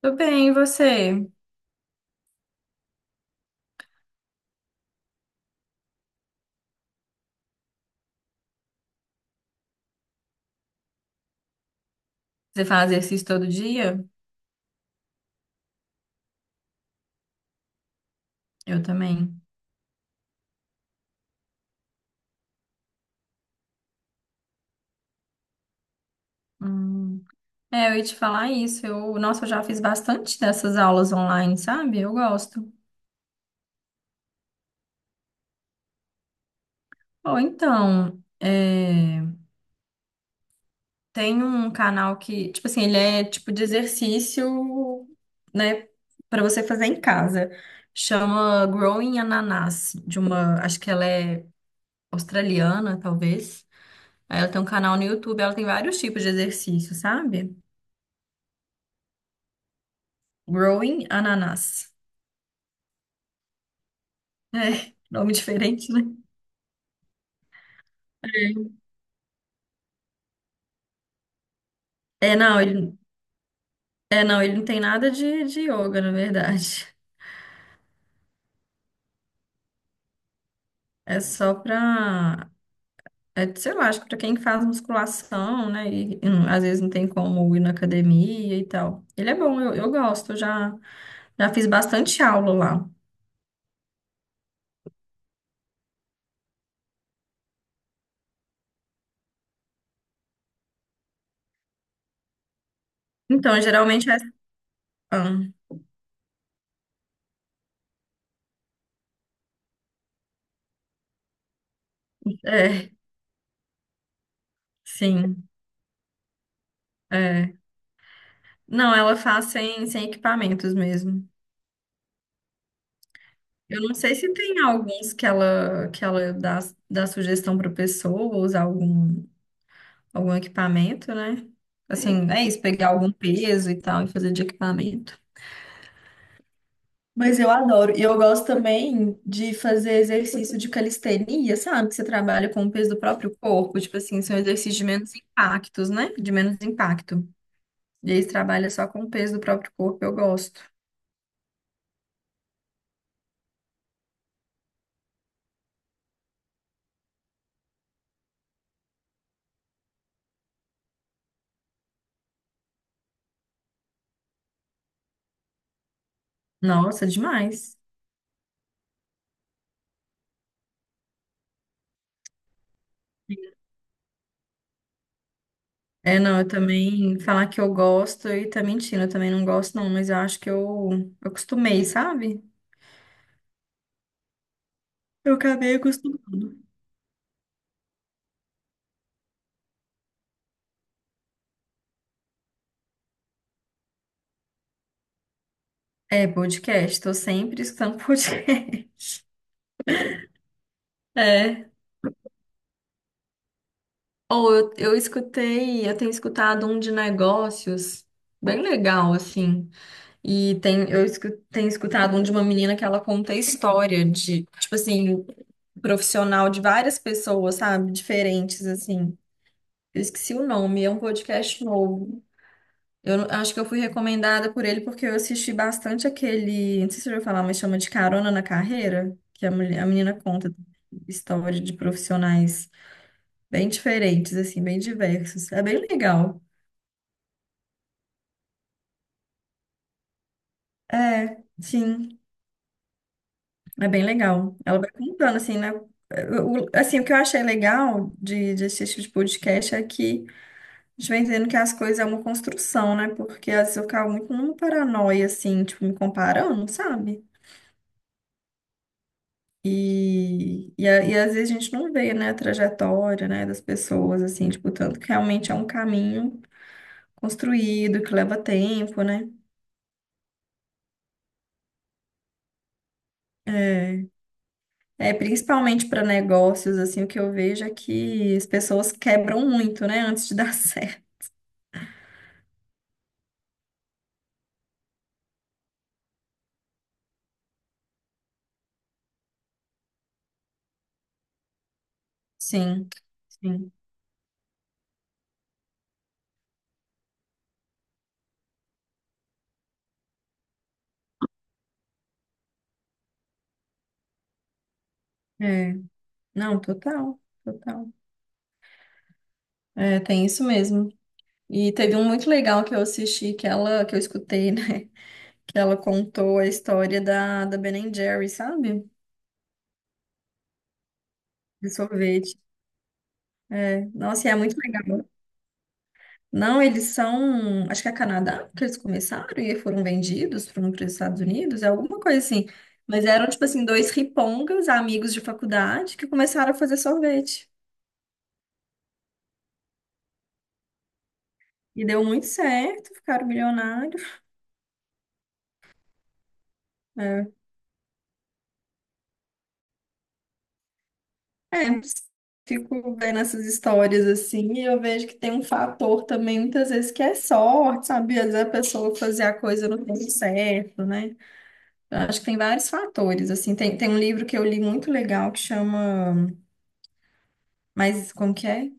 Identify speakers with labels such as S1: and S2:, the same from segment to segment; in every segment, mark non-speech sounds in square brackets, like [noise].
S1: Tô bem, e você? Você faz exercício todo dia? Eu também. Hum. É, eu ia te falar isso. Nossa, eu já fiz bastante dessas aulas online, sabe? Eu gosto. Ou então, tem um canal que, tipo assim, ele é tipo de exercício, né, pra você fazer em casa. Chama Growing Ananas, de uma, acho que ela é australiana, talvez. Aí ela tem um canal no YouTube, ela tem vários tipos de exercício, sabe? Growing Ananas. [laughs] É, nome diferente, né? É, não, ele não tem nada de yoga, na verdade. É só pra, é, sei lá, acho que pra quem faz musculação, né? E às vezes não tem como ir na academia e tal. Ele é bom, eu gosto, eu já fiz bastante aula lá. Então, geralmente é. ah, é, sim. É. Não, ela faz sem equipamentos mesmo. Eu não sei se tem alguns que ela dá sugestão para pessoa usar algum equipamento, né? Assim, é isso, pegar algum peso e tal e fazer de equipamento. Mas eu adoro. E eu gosto também de fazer exercício de calistenia, sabe? Que você trabalha com o peso do próprio corpo. Tipo assim, são exercícios de menos impactos, né? De menos impacto. E aí você trabalha só com o peso do próprio corpo, eu gosto. Nossa, demais. É, não, eu também falar que eu gosto e tá mentindo, eu também não gosto, não, mas eu acho que eu acostumei, sabe? Eu acabei acostumando. É, podcast, tô sempre escutando podcast. [laughs] É. Ou eu escutei, eu tenho escutado um de negócios, bem legal, assim. Tenho escutado um de uma menina que ela conta a história de, tipo assim, profissional de várias pessoas, sabe? Diferentes, assim. Eu esqueci o nome, é um podcast novo. Eu não- Acho que eu fui recomendada por ele porque eu assisti bastante aquele, não sei se você já ouviu falar, mas chama de Carona na Carreira, que a menina conta história de profissionais bem diferentes, assim, bem diversos. É bem legal. É, sim, é bem legal. Ela vai contando, assim, né? O assim, o que eu achei legal de assistir esse tipo de podcast é que a gente vai entendendo que as coisas é uma construção, né? Porque às vezes eu ficava muito numa paranoia, assim, tipo, me comparando, sabe? E às vezes a gente não vê, né, a trajetória, né, das pessoas, assim, tipo, tanto que realmente é um caminho construído, que leva tempo, né? É, é principalmente para negócios, assim, o que eu vejo é que as pessoas quebram muito, né, antes de dar [laughs] certo. Sim, sim. É. Não, total, total. É, tem isso mesmo. E teve um muito legal que eu assisti, que eu escutei, né, [laughs] que ela contou a história da Ben and Jerry, sabe? De sorvete. Nossa, e é muito legal. Não, eles são, acho que é Canadá que eles começaram e foram vendidos para os Estados Unidos, é alguma coisa assim. Mas eram, tipo assim, dois ripongas, amigos de faculdade, que começaram a fazer sorvete. E deu muito certo, ficaram milionários. É, é, Fico vendo essas histórias assim, e eu vejo que tem um fator também, muitas vezes, que é sorte, sabe? Às vezes a pessoa fazer a coisa no tempo certo, né? Eu acho que tem vários fatores, assim. Tem um livro que eu li muito legal que chama... Mas como que é?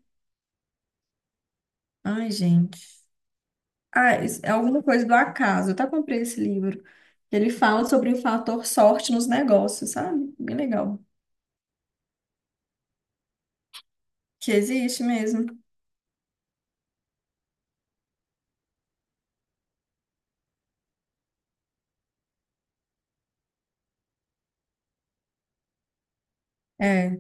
S1: Ai, gente. Ah, é alguma coisa do acaso. Eu até comprei esse livro. Ele fala sobre o fator sorte nos negócios, sabe? Bem legal. Que existe mesmo. É,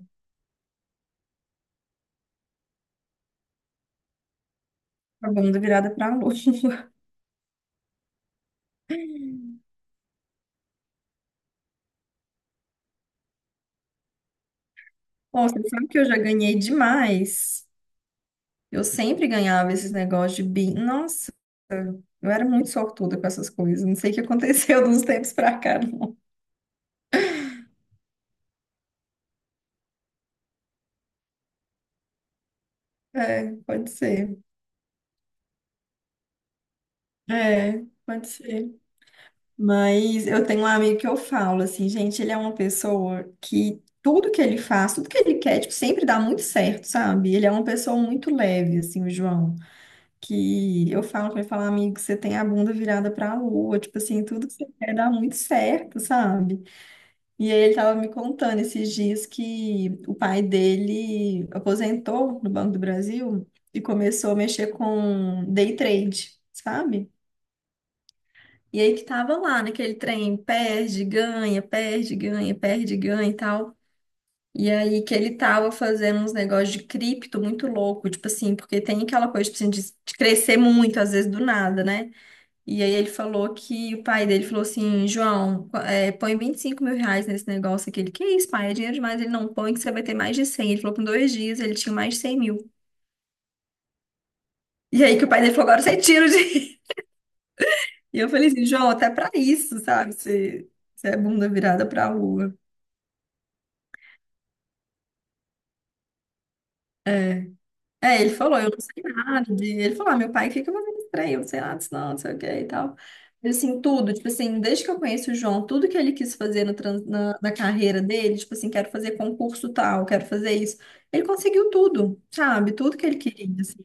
S1: a bunda virada pra lua. [laughs] Nossa, você sabe que eu já ganhei demais. Eu sempre ganhava esses negócios de bi. Nossa, eu era muito sortuda com essas coisas. Não sei o que aconteceu [laughs] de uns tempos pra cá, não. É, pode ser. É, pode ser. Mas eu tenho um amigo que eu falo assim, gente, ele é uma pessoa que tudo que ele faz, tudo que ele quer, tipo, sempre dá muito certo, sabe? Ele é uma pessoa muito leve, assim, o João. Que eu falo pra ele, falo amigo, você tem a bunda virada pra lua, tipo assim, tudo que você quer dá muito certo, sabe? E aí ele tava me contando esses dias que o pai dele aposentou no Banco do Brasil e começou a mexer com day trade, sabe? E aí que tava lá naquele trem, perde, ganha, perde, ganha, perde, ganha e tal. E aí que ele tava fazendo uns negócios de cripto muito louco, tipo assim, porque tem aquela coisa tipo assim, de crescer muito, às vezes do nada, né? E aí ele falou que o pai dele falou assim, João, põe 25 mil reais nesse negócio aqui. Ele, que isso, pai, é dinheiro demais. Ele, não, põe que você vai ter mais de 100. Ele falou que em dois dias ele tinha mais de 100 mil. E aí que o pai dele falou, agora você tira o dinheiro. [laughs] E eu falei assim, João, até pra isso, sabe? Você é bunda virada pra lua. É, ele falou, eu não sei nada de... Ele falou, ah, meu pai, o que que eu vou fazer pra ele? Eu não sei nada disso não, não sei o que e tal. Mas, assim, tudo, tipo assim, desde que eu conheço o João, tudo que ele quis fazer no trans- na, na carreira dele, tipo assim, quero fazer concurso tal, quero fazer isso. Ele conseguiu tudo, sabe? Tudo que ele queria, assim.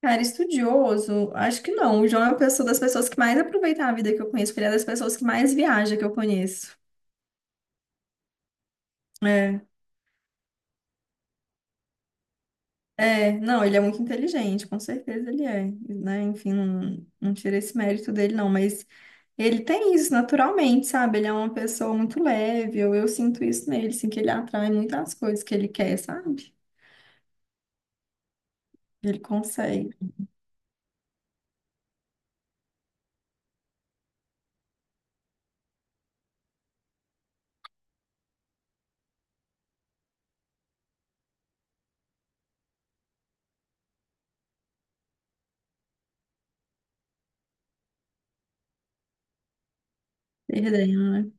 S1: Cara, estudioso, acho que não. O João é uma pessoa das pessoas que mais aproveita a vida que eu conheço, porque ele é das pessoas que mais viaja que eu conheço. É. É, não, ele é muito inteligente, com certeza ele é, né? Enfim, não, não tira esse mérito dele, não, mas ele tem isso naturalmente, sabe? Ele é uma pessoa muito leve, eu sinto isso nele, assim, que ele atrai muitas coisas que ele quer, sabe? Ele consegue, perdendo, né?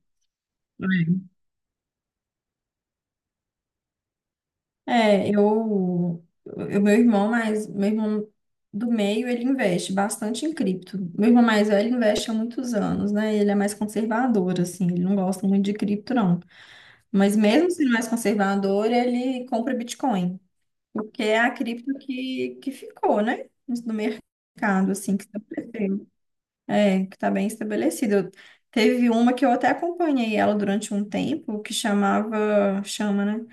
S1: É, eu, meu irmão mais, meu irmão do meio, ele investe bastante em cripto. Meu irmão mais velho investe há muitos anos, né? Ele é mais conservador, assim, ele não gosta muito de cripto, não. Mas mesmo sendo mais conservador, ele compra Bitcoin, porque é a cripto que ficou, né? No mercado, assim, que estabeleceu. É, que está bem estabelecido. Teve uma que eu até acompanhei ela durante um tempo, chama, né?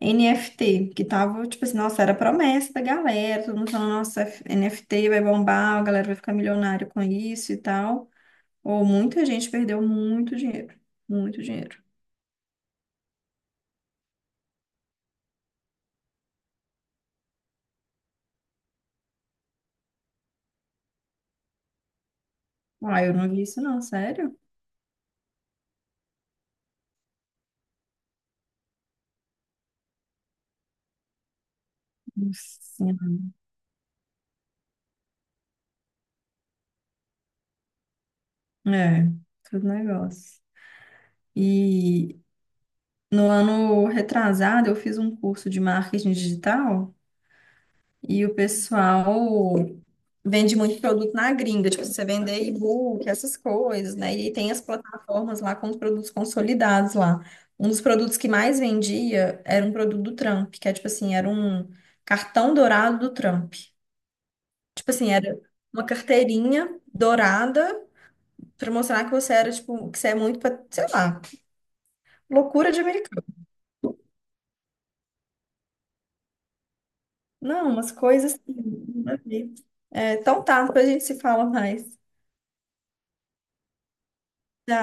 S1: NFT, que tava, tipo assim, nossa, era a promessa da galera, todo mundo falando, nossa, NFT vai bombar, a galera vai ficar milionário com isso e tal. Ou muita gente perdeu muito dinheiro, muito dinheiro. Ah, eu não vi isso não, sério? Sim. É, tudo negócio. E no ano retrasado eu fiz um curso de marketing digital e o pessoal vende muito produto na gringa, tipo, você vender e-book, essas coisas, né? E tem as plataformas lá com os produtos consolidados lá. Um dos produtos que mais vendia era um produto do Trump, que é tipo assim, era um cartão dourado do Trump. Tipo assim, era uma carteirinha dourada para mostrar que você era, tipo, que você é muito, pa- sei lá. Loucura de americano. Não, umas coisas assim. Nada a ver. É, então tá, depois a gente se fala mais. Tchau.